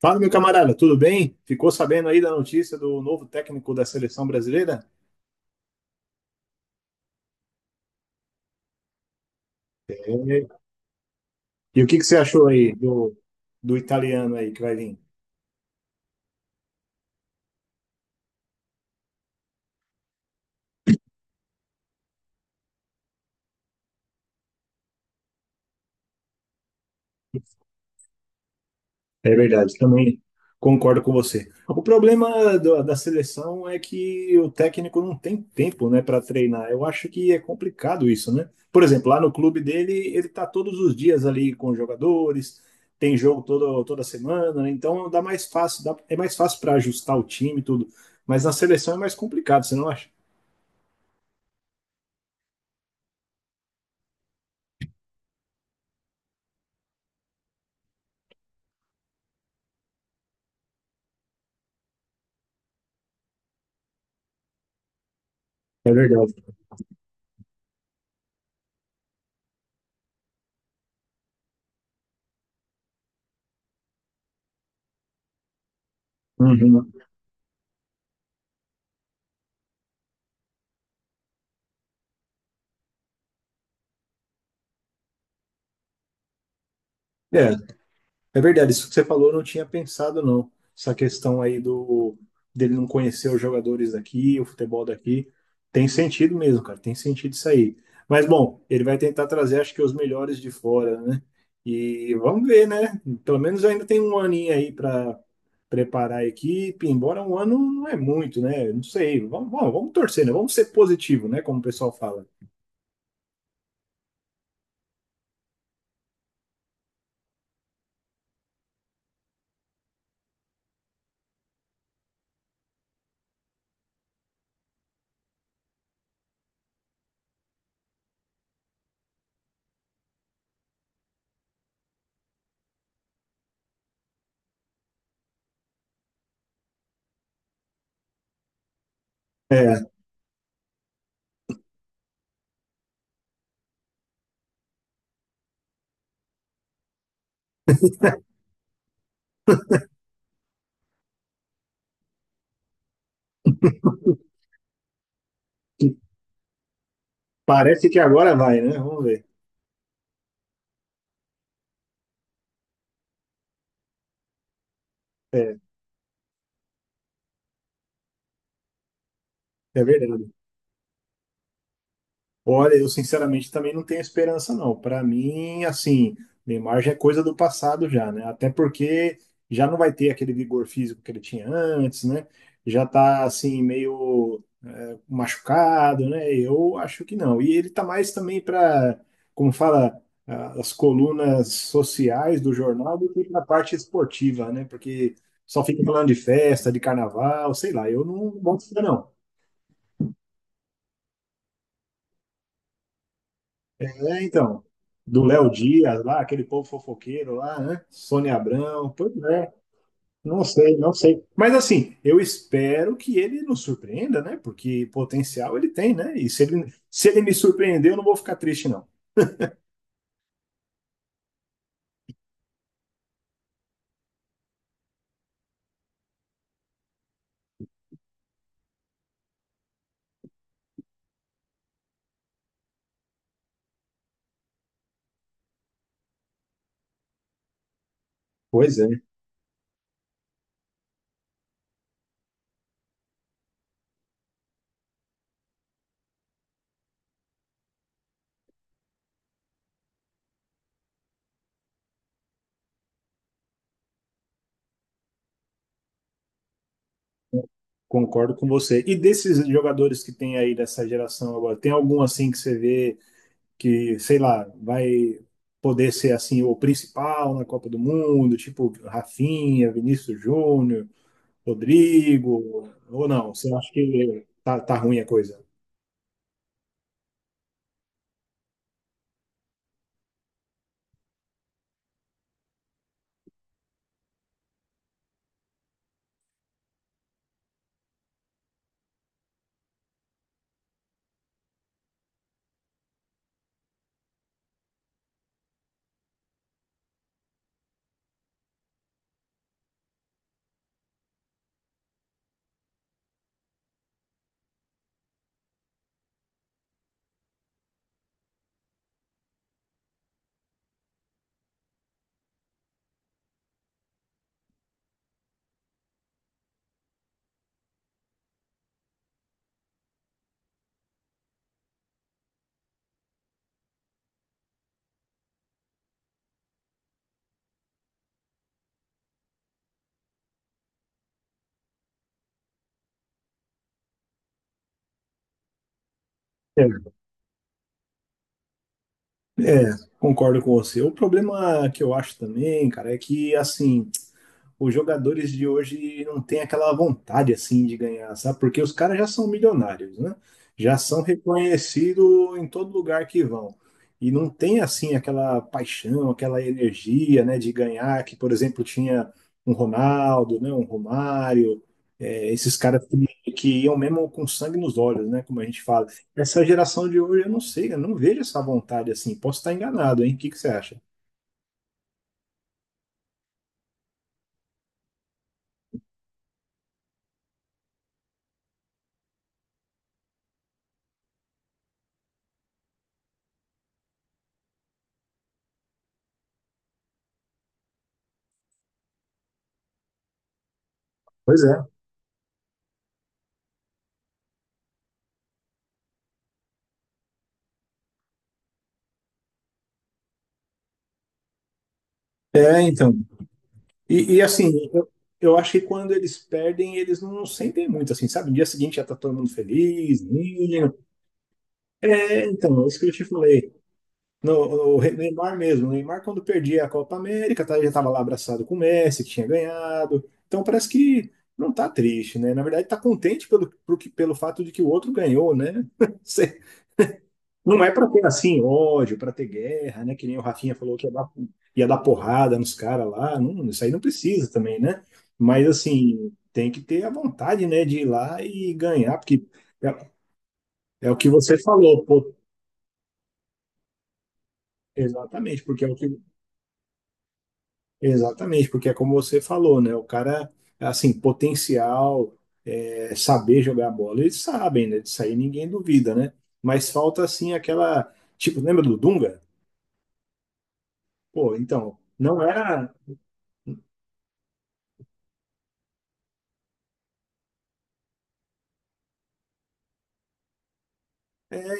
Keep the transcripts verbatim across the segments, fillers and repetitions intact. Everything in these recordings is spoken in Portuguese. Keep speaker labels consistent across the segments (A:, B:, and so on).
A: Fala, meu camarada, tudo bem? Ficou sabendo aí da notícia do novo técnico da seleção brasileira? É. E o que que você achou aí do, do italiano aí que vai vir? É verdade, também concordo com você. O problema do- da seleção é que o técnico não tem tempo, né, para treinar. Eu acho que é complicado isso, né? Por exemplo, lá no clube dele, ele tá todos os dias ali com os jogadores, tem jogo todo, toda semana, né? Então dá mais fácil, dá- é mais fácil para ajustar o time e tudo. Mas na seleção é mais complicado, você não acha? É verdade. Uhum. É, É verdade, isso que você falou, eu não tinha pensado, não. Essa questão aí do dele não conhecer os jogadores daqui, o futebol daqui. Tem sentido mesmo, cara. Tem sentido isso aí. Mas, bom, ele vai tentar trazer, acho que, os melhores de fora, né? E vamos ver, né? Pelo menos ainda tem um aninho aí para preparar a equipe, embora um ano não é muito, né? Não sei. Vamos, vamos, vamos torcer, né? Vamos ser positivo, né? Como o pessoal fala. É, parece que agora vai, né? Vamos ver. É, é verdade. Olha, eu sinceramente também não tenho esperança, não. Para mim, assim, Neymar já é coisa do passado já, né? Até porque já não vai ter aquele vigor físico que ele tinha antes, né? Já tá, assim, meio é, machucado, né? Eu acho que não. E ele tá mais também para, como fala, ah, as colunas sociais do jornal do que na parte esportiva, né? Porque só fica falando de festa, de carnaval, sei lá. Eu não gosto disso, não. É, então, do Léo Dias lá, aquele povo fofoqueiro lá, né? Sônia Abrão, pois é, não sei, não sei. Mas assim, eu espero que ele nos surpreenda, né? Porque potencial ele tem, né? E se ele, se ele me surpreender, eu não vou ficar triste, não. Pois é, concordo com você. E desses jogadores que tem aí dessa geração agora, tem algum assim que você vê que, sei lá, vai poder ser assim o principal na Copa do Mundo, tipo Rafinha, Vinícius Júnior, Rodrigo, ou não? Você acha que tá, tá ruim a coisa? É. É, concordo com você. O problema que eu acho também, cara, é que assim, os jogadores de hoje não têm aquela vontade assim de ganhar, sabe? Porque os caras já são milionários, né? Já são reconhecidos em todo lugar que vão. E não tem assim aquela paixão, aquela energia, né, de ganhar que, por exemplo, tinha um Ronaldo, né, um Romário, é, esses caras que, que iam mesmo com sangue nos olhos, né, como a gente fala. Essa geração de hoje, eu não sei, eu não vejo essa vontade assim. Posso estar enganado, hein? O que que você acha? Pois é. É, então. E, e, assim, eu, eu acho que quando eles perdem, eles não sentem muito, assim, sabe? No dia seguinte já tá todo mundo feliz, ninho. É, então, é isso que eu te falei. No, no Neymar mesmo. O Neymar, quando perdia a Copa América, tá, já tava lá abraçado com o Messi, que tinha ganhado. Então parece que não tá triste, né? Na verdade, tá contente pelo, pelo, pelo fato de que o outro ganhou, né? Não é para ter assim ódio, para ter guerra, né? Que nem o Rafinha falou que ia dar, ia dar porrada nos caras lá. Não, isso aí não precisa também, né? Mas assim, tem que ter a vontade, né, de ir lá e ganhar, porque é, é o que você falou, pô, exatamente, porque é o que, exatamente, porque é como você falou, né? O cara, assim, potencial, é, saber jogar bola, eles sabem, né? Disso aí ninguém duvida, né? Mas falta assim aquela, tipo, lembra do Dunga? Pô, então, não era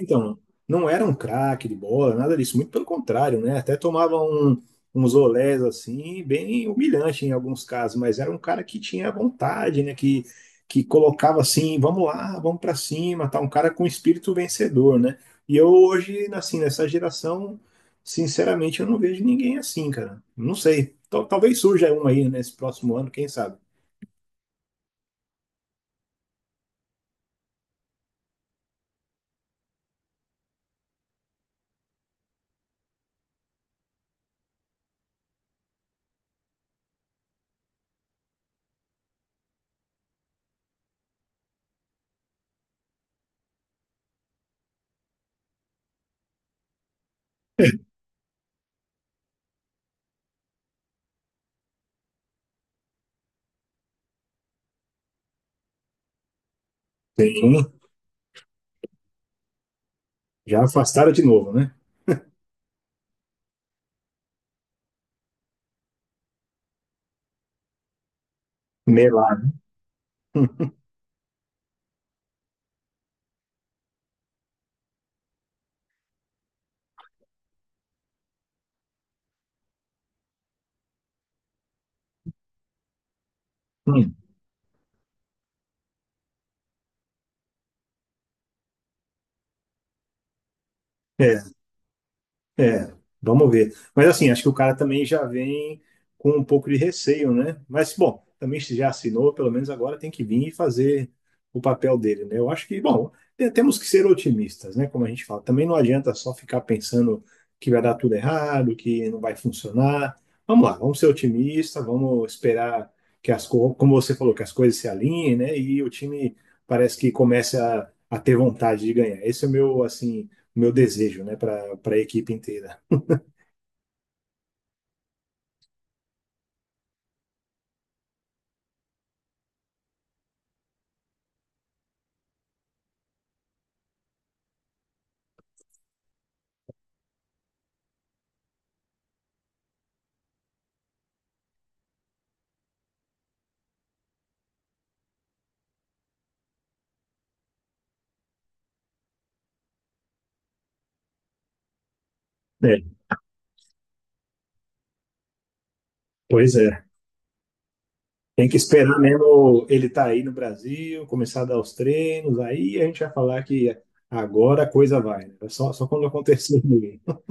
A: Então, não era um craque de bola, nada disso, muito pelo contrário, né? Até tomava um, uns olés assim, bem humilhante em alguns casos, mas era um cara que tinha vontade, né? Que, que colocava assim, vamos lá, vamos para cima, tá? Um cara com espírito vencedor, né? E eu hoje, assim, nessa geração, sinceramente, eu não vejo ninguém assim, cara. Não sei. Tal- Talvez surja um aí nesse próximo ano, quem sabe? Tem um. Já afastaram de novo, né? Melado. É, vamos ver. Mas assim, acho que o cara também já vem com um pouco de receio, né? Mas, bom, também se já assinou, pelo menos agora tem que vir e fazer o papel dele, né? Eu acho que, bom, te- temos que ser otimistas, né? Como a gente fala. Também não adianta só ficar pensando que vai dar tudo errado, que não vai funcionar. Vamos lá, vamos ser otimistas, vamos esperar que as coisas, como você falou, que as coisas se alinhem, né? E o time parece que começa a, a ter vontade de ganhar. Esse é o meu, assim o meu desejo, né, para a equipe inteira. É, pois é. Tem que esperar mesmo ele estar tá aí no Brasil, começar a dar os treinos, aí a gente vai falar que agora a coisa vai, né? Só, só quando acontecer,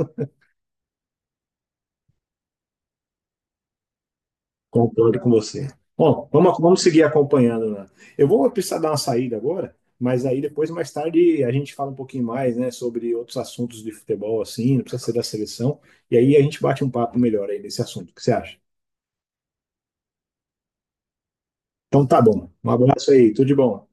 A: concordo com você. Bom, vamos, vamos seguir acompanhando, né? Eu vou precisar dar uma saída agora, mas aí depois, mais tarde, a gente fala um pouquinho mais, né, sobre outros assuntos de futebol, assim, não precisa ser da seleção, e aí a gente bate um papo melhor aí nesse assunto. O que você acha? Então tá bom. Um abraço aí, tudo de bom.